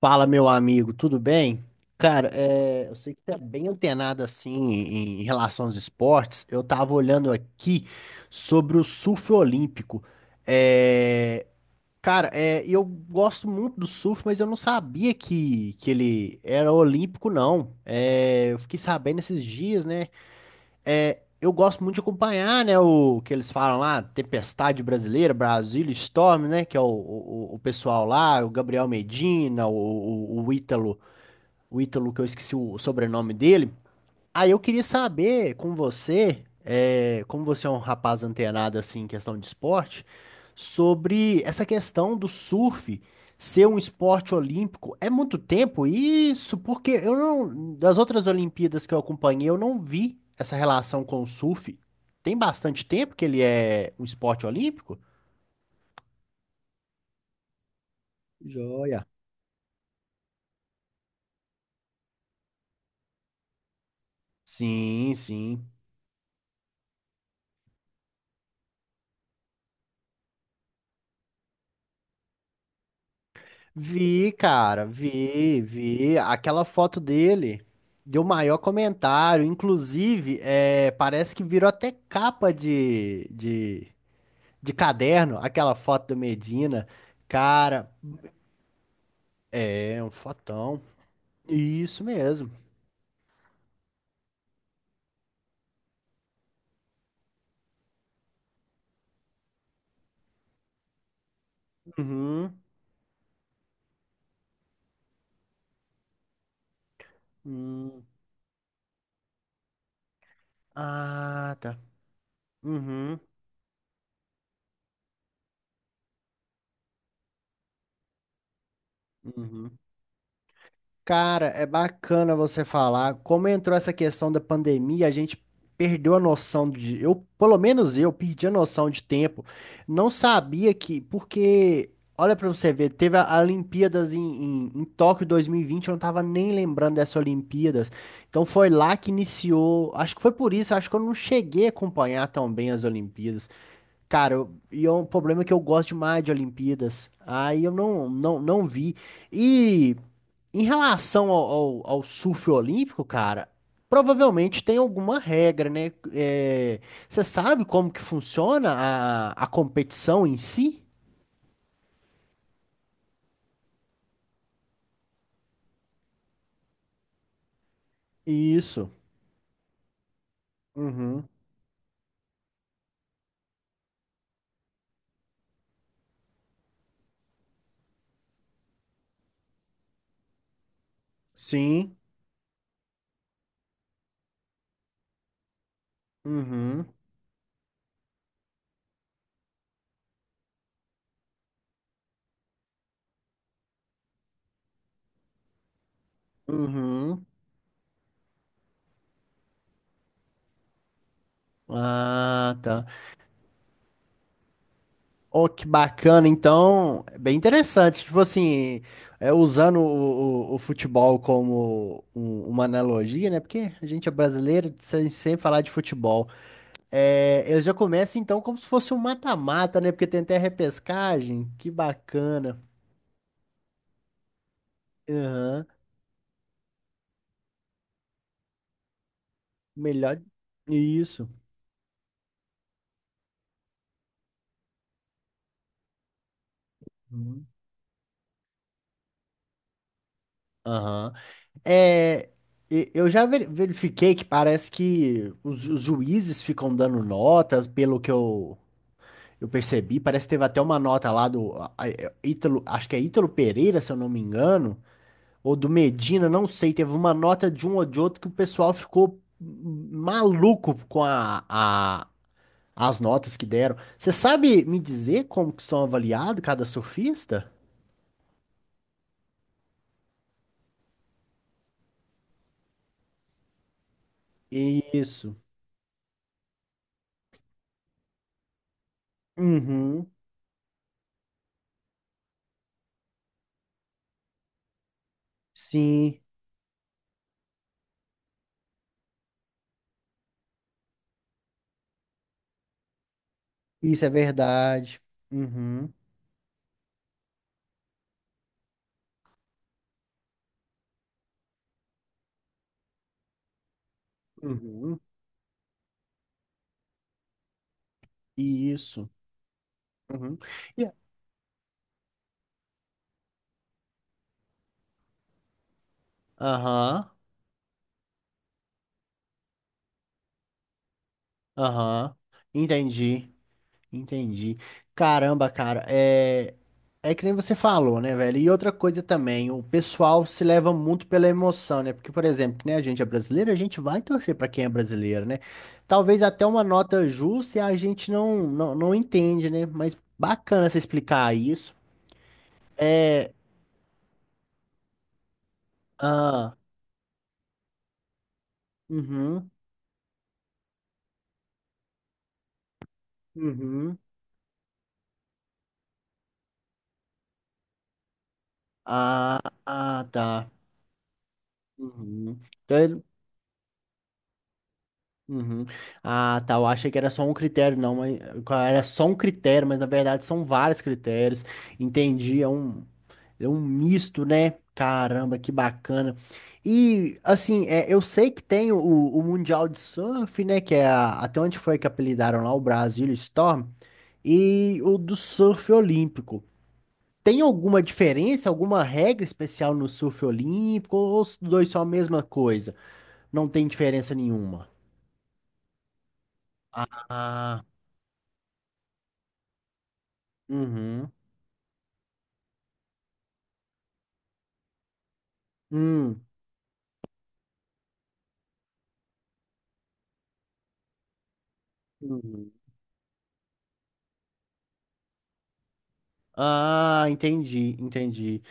Fala, meu amigo, tudo bem? Cara, é, eu sei que tá bem antenado assim em relação aos esportes. Eu tava olhando aqui sobre o surf olímpico. É, cara, é, eu gosto muito do surf, mas eu não sabia que ele era olímpico, não. É, eu fiquei sabendo esses dias, né? É, eu gosto muito de acompanhar, né, o que eles falam lá, Tempestade Brasileira, Brasília Storm, né, que é o pessoal lá, o Gabriel Medina, o Ítalo, o Ítalo que eu esqueci o sobrenome dele. Aí eu queria saber com você, como você é um rapaz antenado assim em questão de esporte, sobre essa questão do surf ser um esporte olímpico. É muito tempo isso, porque eu não, das outras Olimpíadas que eu acompanhei, eu não vi essa relação com o surf. Tem bastante tempo que ele é um esporte olímpico? Joia. Sim, sim. Vi, cara, vi, vi. Aquela foto dele deu maior comentário. Inclusive, é, parece que virou até capa de, caderno, aquela foto do Medina. Cara, é um fotão. Isso mesmo. Uhum. Hum. Ah, tá. Uhum. Uhum. Cara, é bacana você falar. Como entrou essa questão da pandemia, a gente perdeu a noção de. Eu, pelo menos eu, perdi a noção de tempo. Não sabia que. Porque, olha pra você ver, teve a Olimpíadas em, Tóquio 2020, eu não tava nem lembrando dessas Olimpíadas. Então foi lá que iniciou. Acho que foi por isso, acho que eu não cheguei a acompanhar tão bem as Olimpíadas. Cara, e é um problema que eu gosto demais de Olimpíadas. Aí eu não, não, não vi. E. Em relação ao surf olímpico, cara, provavelmente tem alguma regra, né? É, você sabe como que funciona a competição em si? Isso. Uhum. Sim. Uhum. Uhum. Ah, tá. Oh, que bacana. Então, é bem interessante. Tipo assim, é, usando o, o futebol como uma analogia, né? Porque a gente é brasileiro, sem falar de futebol. É, eu já começo então como se fosse um mata-mata, né? Porque tem até repescagem. Que bacana. Aham. Melhor. Isso. Uhum. Aham. É, eu já verifiquei que parece que os juízes ficam dando notas, pelo que eu, percebi. Parece que teve até uma nota lá do Ítalo, acho que é Ítalo Pereira, se eu não me engano, ou do Medina, não sei. Teve uma nota de um ou de outro que o pessoal ficou maluco com As notas que deram. Você sabe me dizer como que são avaliados cada surfista? Isso. Uhum. Sim, isso é verdade. Uhum. Uhum. Isso. Uhum. E- Aham. Aham. Entendi. Entendi. Caramba, cara, é que nem você falou, né, velho? E outra coisa também, o pessoal se leva muito pela emoção, né? Porque, por exemplo, que nem a gente é brasileiro, a gente vai torcer pra quem é brasileiro, né? Talvez até uma nota justa e a gente não não, não entende, né? Mas bacana você explicar isso. É, ah, uhum, uhum. Ah, ah, tá. Uhum. Então, Uhum. Ah, tá. Eu achei que era só um critério, não, mas era só um critério, mas na verdade são vários critérios. Entendi, é um, misto, né? Caramba, que bacana. E assim, é, eu sei que tem o Mundial de Surf, né? Que é até onde foi que apelidaram lá o Brasil Storm, e o do surf olímpico. Tem alguma diferença, alguma regra especial no surf olímpico, ou os dois são a mesma coisa? Não tem diferença nenhuma? Ah. Uhum. Hum. Uhum. Ah, entendi, entendi,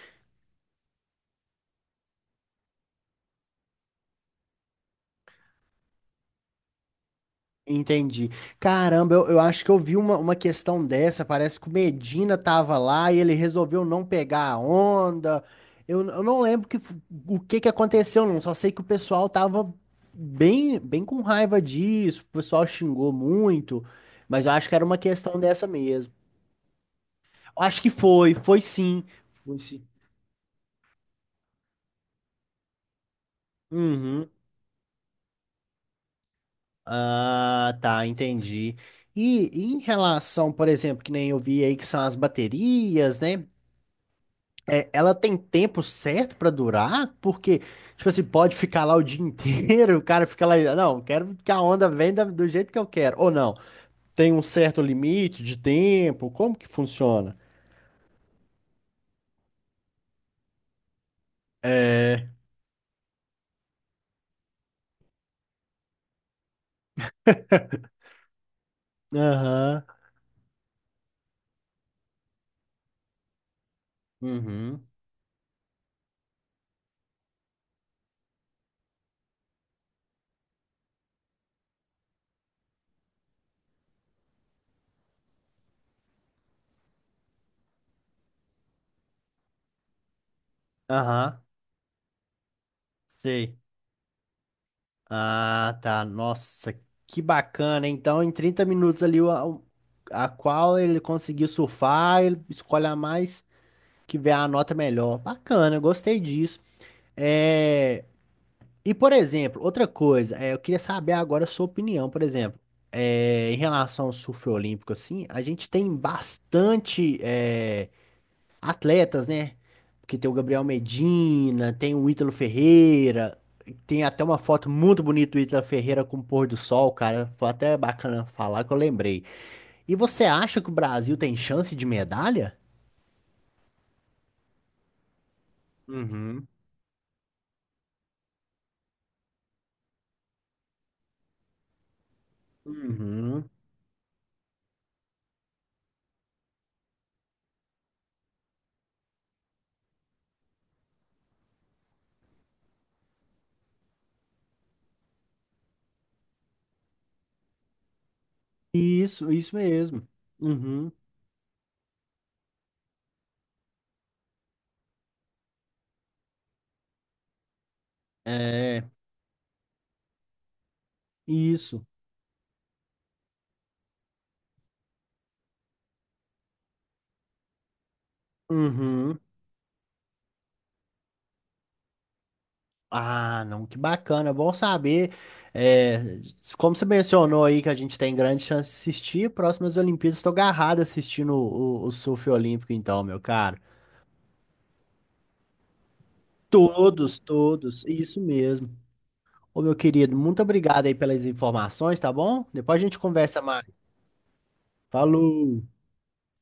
entendi. Caramba, eu, acho que eu vi uma questão dessa. Parece que o Medina tava lá e ele resolveu não pegar a onda. eu não lembro o que que aconteceu, não. Só sei que o pessoal tava bem, bem com raiva disso. O pessoal xingou muito, mas eu acho que era uma questão dessa mesmo. Eu acho que foi, foi sim. Foi sim. Uhum. Ah, tá, entendi. E em relação, por exemplo, que nem eu vi aí que são as baterias, né? É, ela tem tempo certo pra durar? Porque, tipo assim, pode ficar lá o dia inteiro, o cara fica lá, não, quero que a onda venha do jeito que eu quero. Ou não, tem um certo limite de tempo? Como que funciona? É. Aham. Uhum. Aham. Sei. Ah, tá. Nossa, que bacana. Então, em 30 minutos ali, a, qual ele conseguiu surfar, ele escolhe a mais que vê a nota melhor. Bacana, eu gostei disso. É, e, por exemplo, outra coisa, é, eu queria saber agora a sua opinião, por exemplo, é, em relação ao surf olímpico, assim, a gente tem bastante. É, atletas, né? Porque tem o Gabriel Medina, tem o Ítalo Ferreira, tem até uma foto muito bonita do Ítalo Ferreira com o pôr do sol, cara. Foi até bacana falar que eu lembrei. E você acha que o Brasil tem chance de medalha? Uhum, uhum. Isso mesmo. Uhum. É, isso. Uhum. Ah, não, que bacana, bom saber. É, como você mencionou aí que a gente tem grande chance de assistir, próximas Olimpíadas estou agarrado assistindo o, surf olímpico, então, meu caro. Todos, todos, isso mesmo. Ô, meu querido, muito obrigado aí pelas informações, tá bom? Depois a gente conversa mais. Falou!